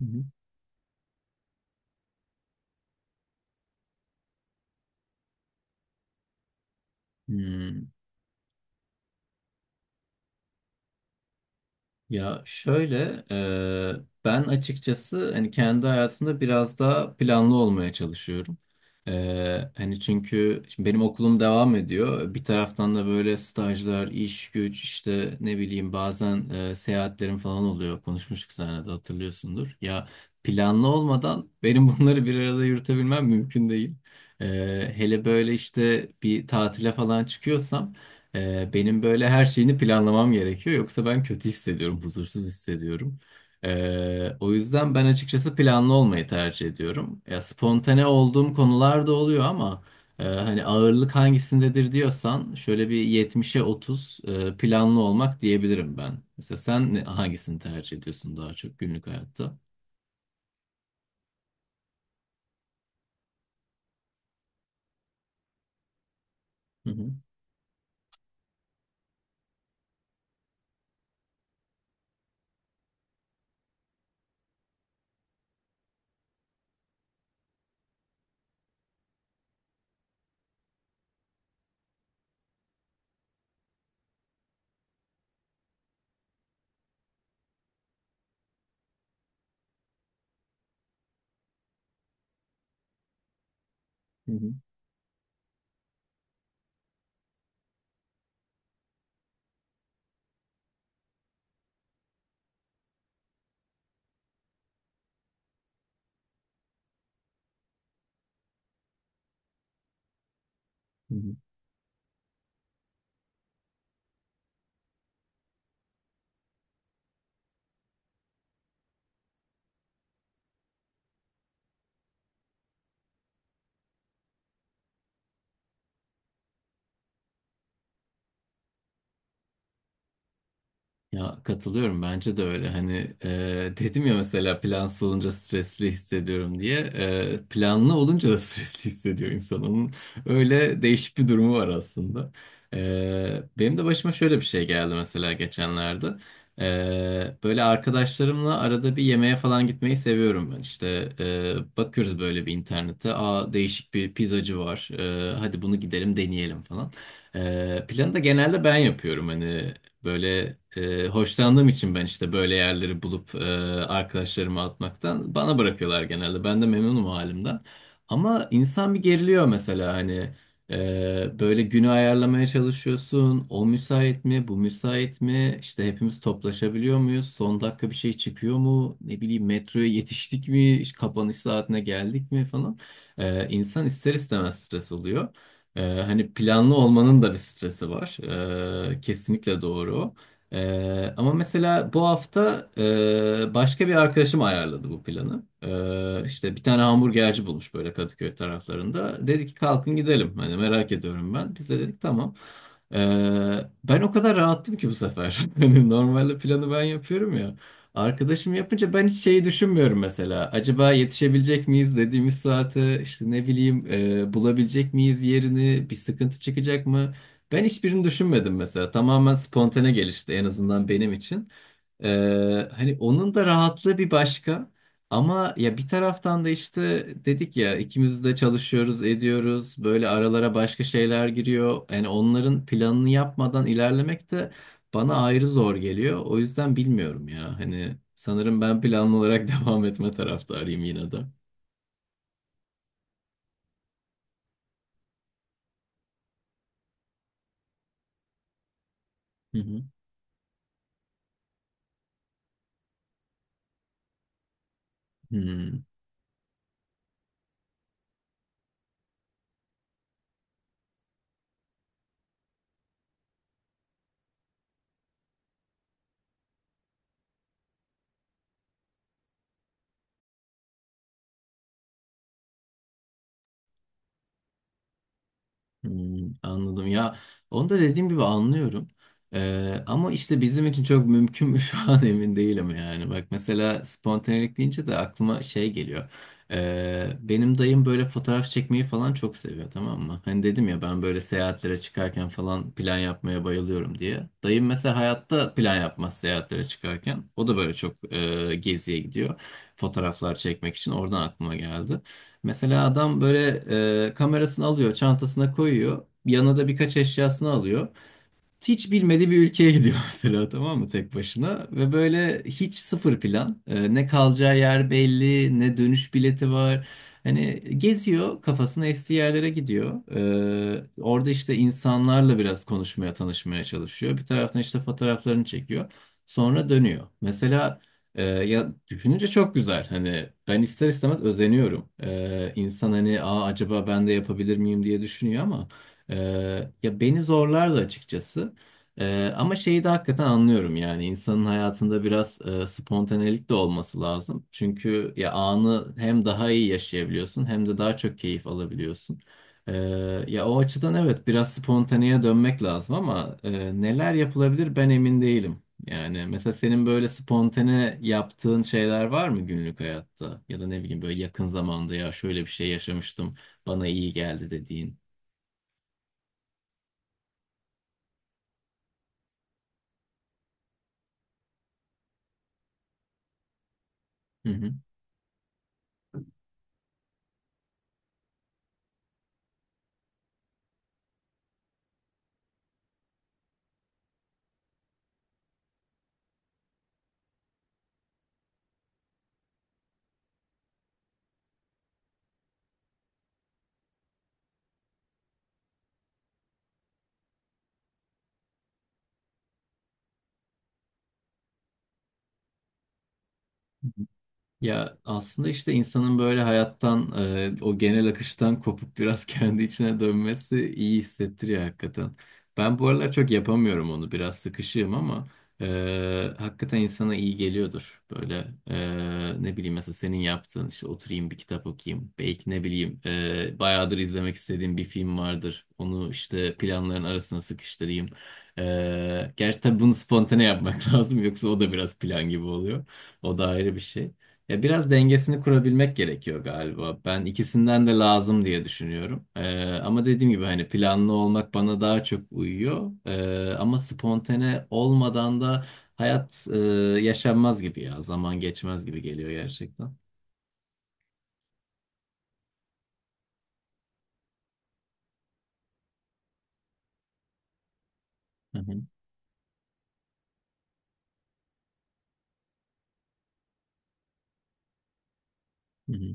Hı hı. Hmm. Ya şöyle ben açıkçası hani kendi hayatımda biraz daha planlı olmaya çalışıyorum. E, Hani çünkü şimdi benim okulum devam ediyor. Bir taraftan da böyle stajlar, iş güç işte ne bileyim bazen seyahatlerim falan oluyor. Konuşmuştuk seninle de hatırlıyorsundur. Ya planlı olmadan benim bunları bir arada yürütebilmem mümkün değil. E, Hele böyle işte bir tatile falan çıkıyorsam benim böyle her şeyini planlamam gerekiyor. Yoksa ben kötü hissediyorum, huzursuz hissediyorum. O yüzden ben açıkçası planlı olmayı tercih ediyorum. Ya spontane olduğum konular da oluyor ama hani ağırlık hangisindedir diyorsan şöyle bir 70'e 30 planlı olmak diyebilirim ben. Mesela sen hangisini tercih ediyorsun daha çok günlük hayatta? Hı hı. Hı hı. Hı hı. Ya katılıyorum bence de öyle hani dedim ya mesela plansız olunca stresli hissediyorum diye. Planlı olunca da stresli hissediyor insan, onun öyle değişik bir durumu var aslında. E, Benim de başıma şöyle bir şey geldi mesela geçenlerde. Böyle arkadaşlarımla arada bir yemeğe falan gitmeyi seviyorum ben, işte bakıyoruz böyle bir internete, aa değişik bir pizzacı var. Hadi bunu gidelim deneyelim falan. Planı da genelde ben yapıyorum. Hani böyle hoşlandığım için ben işte böyle yerleri bulup arkadaşlarıma atmaktan, bana bırakıyorlar genelde. Ben de memnunum o halimden. Ama insan bir geriliyor mesela, hani böyle günü ayarlamaya çalışıyorsun. O müsait mi? Bu müsait mi? İşte hepimiz toplaşabiliyor muyuz? Son dakika bir şey çıkıyor mu? Ne bileyim, metroya yetiştik mi? İşte kapanış saatine geldik mi falan. İnsan ister istemez stres oluyor. Hani planlı olmanın da bir stresi var. Kesinlikle doğru. Ama mesela bu hafta başka bir arkadaşım ayarladı bu planı. İşte bir tane hamburgerci bulmuş böyle Kadıköy taraflarında. Dedi ki kalkın gidelim. Hani merak ediyorum ben. Biz de dedik tamam. Ee, Ben o kadar rahattım ki bu sefer. Hani normalde planı ben yapıyorum ya. Arkadaşım yapınca ben hiç şeyi düşünmüyorum mesela. Acaba yetişebilecek miyiz dediğimiz saate, işte ne bileyim bulabilecek miyiz yerini, bir sıkıntı çıkacak mı? Ben hiçbirini düşünmedim mesela. Tamamen spontane gelişti, en azından benim için. E, Hani onun da rahatlığı bir başka. Ama ya bir taraftan da işte dedik ya, ikimiz de çalışıyoruz ediyoruz. Böyle aralara başka şeyler giriyor. Yani onların planını yapmadan ilerlemek de bana ayrı zor geliyor. O yüzden bilmiyorum ya. Hani sanırım ben planlı olarak devam etme taraftarıyım yine de. Hı hı. Hmm. Hmm, anladım ya, onu da dediğim gibi anlıyorum. Ama işte bizim için çok mümkün mü şu an emin değilim. Yani bak, mesela spontanelik deyince de aklıma şey geliyor. Benim dayım böyle fotoğraf çekmeyi falan çok seviyor, tamam mı? Hani dedim ya ben böyle seyahatlere çıkarken falan plan yapmaya bayılıyorum diye, dayım mesela hayatta plan yapmaz seyahatlere çıkarken. O da böyle çok geziye gidiyor fotoğraflar çekmek için, oradan aklıma geldi. Mesela adam böyle kamerasını alıyor, çantasına koyuyor. Yanına da birkaç eşyasını alıyor, hiç bilmediği bir ülkeye gidiyor mesela, tamam mı, tek başına, ve böyle hiç sıfır plan. Ne kalacağı yer belli, ne dönüş bileti var. Hani geziyor, kafasına estiği yerlere gidiyor. Orada işte insanlarla biraz konuşmaya, tanışmaya çalışıyor, bir taraftan işte fotoğraflarını çekiyor, sonra dönüyor mesela. Ya düşününce çok güzel, hani ben ister istemez özeniyorum. İnsan hani, aa, acaba ben de yapabilir miyim diye düşünüyor ama ee, ya beni zorlardı açıkçası. Ama şeyi de hakikaten anlıyorum, yani insanın hayatında biraz spontanelik de olması lazım. Çünkü ya anı hem daha iyi yaşayabiliyorsun, hem de daha çok keyif alabiliyorsun. Ee, Ya o açıdan evet, biraz spontaneye dönmek lazım ama neler yapılabilir ben emin değilim. Yani mesela senin böyle spontane yaptığın şeyler var mı günlük hayatta? Ya da ne bileyim, böyle yakın zamanda ya şöyle bir şey yaşamıştım bana iyi geldi dediğin. Hı hı. Ya aslında işte insanın böyle hayattan, o genel akıştan kopup biraz kendi içine dönmesi iyi hissettiriyor hakikaten. Ben bu aralar çok yapamıyorum onu, biraz sıkışığım ama hakikaten insana iyi geliyordur. Böyle ne bileyim, mesela senin yaptığın, işte oturayım bir kitap okuyayım. Belki ne bileyim bayağıdır izlemek istediğim bir film vardır. Onu işte planların arasına sıkıştırayım. Gerçi tabii bunu spontane yapmak lazım, yoksa o da biraz plan gibi oluyor. O da ayrı bir şey. Ya biraz dengesini kurabilmek gerekiyor galiba. Ben ikisinden de lazım diye düşünüyorum. Ama dediğim gibi hani planlı olmak bana daha çok uyuyor. Ama spontane olmadan da hayat yaşanmaz gibi ya. Zaman geçmez gibi geliyor gerçekten. Hı hı, hı hı,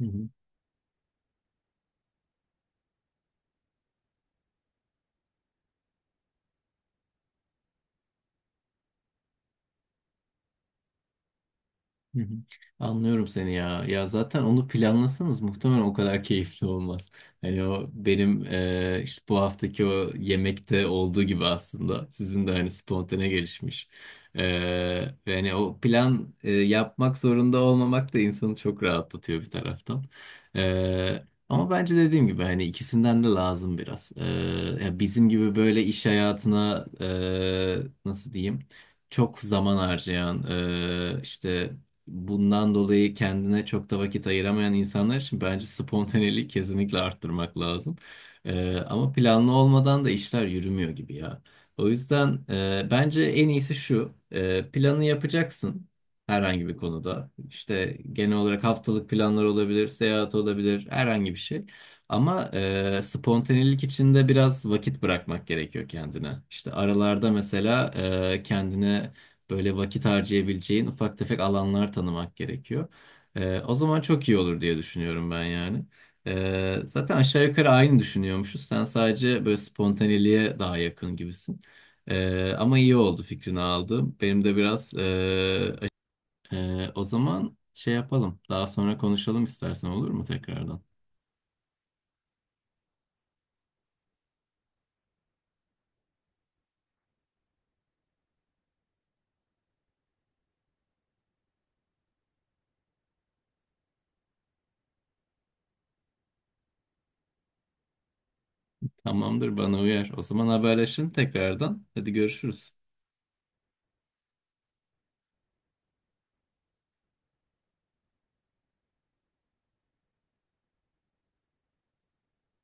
hı hı. Hı hı. Anlıyorum seni ya. Ya zaten onu planlasanız muhtemelen o kadar keyifli olmaz. Hani o benim işte bu haftaki o yemekte olduğu gibi, aslında sizin de hani spontane gelişmiş. E, Ve hani o plan yapmak zorunda olmamak da insanı çok rahatlatıyor bir taraftan. Ama bence dediğim gibi hani ikisinden de lazım biraz. Ya bizim gibi böyle iş hayatına nasıl diyeyim, çok zaman harcayan işte bundan dolayı kendine çok da vakit ayıramayan insanlar için bence spontaneliği kesinlikle arttırmak lazım. Ama planlı olmadan da işler yürümüyor gibi ya. O yüzden bence en iyisi şu: planı yapacaksın herhangi bir konuda. İşte genel olarak haftalık planlar olabilir, seyahat olabilir, herhangi bir şey. Ama spontanelik içinde biraz vakit bırakmak gerekiyor kendine. İşte aralarda mesela kendine böyle vakit harcayabileceğin ufak tefek alanlar tanımak gerekiyor. O zaman çok iyi olur diye düşünüyorum ben yani. Zaten aşağı yukarı aynı düşünüyormuşuz. Sen sadece böyle spontaneliğe daha yakın gibisin. Ama iyi oldu fikrini aldım. Benim de biraz o zaman şey yapalım. Daha sonra konuşalım istersen, olur mu tekrardan? Tamamdır, bana uyar. O zaman haberleşelim tekrardan. Hadi görüşürüz.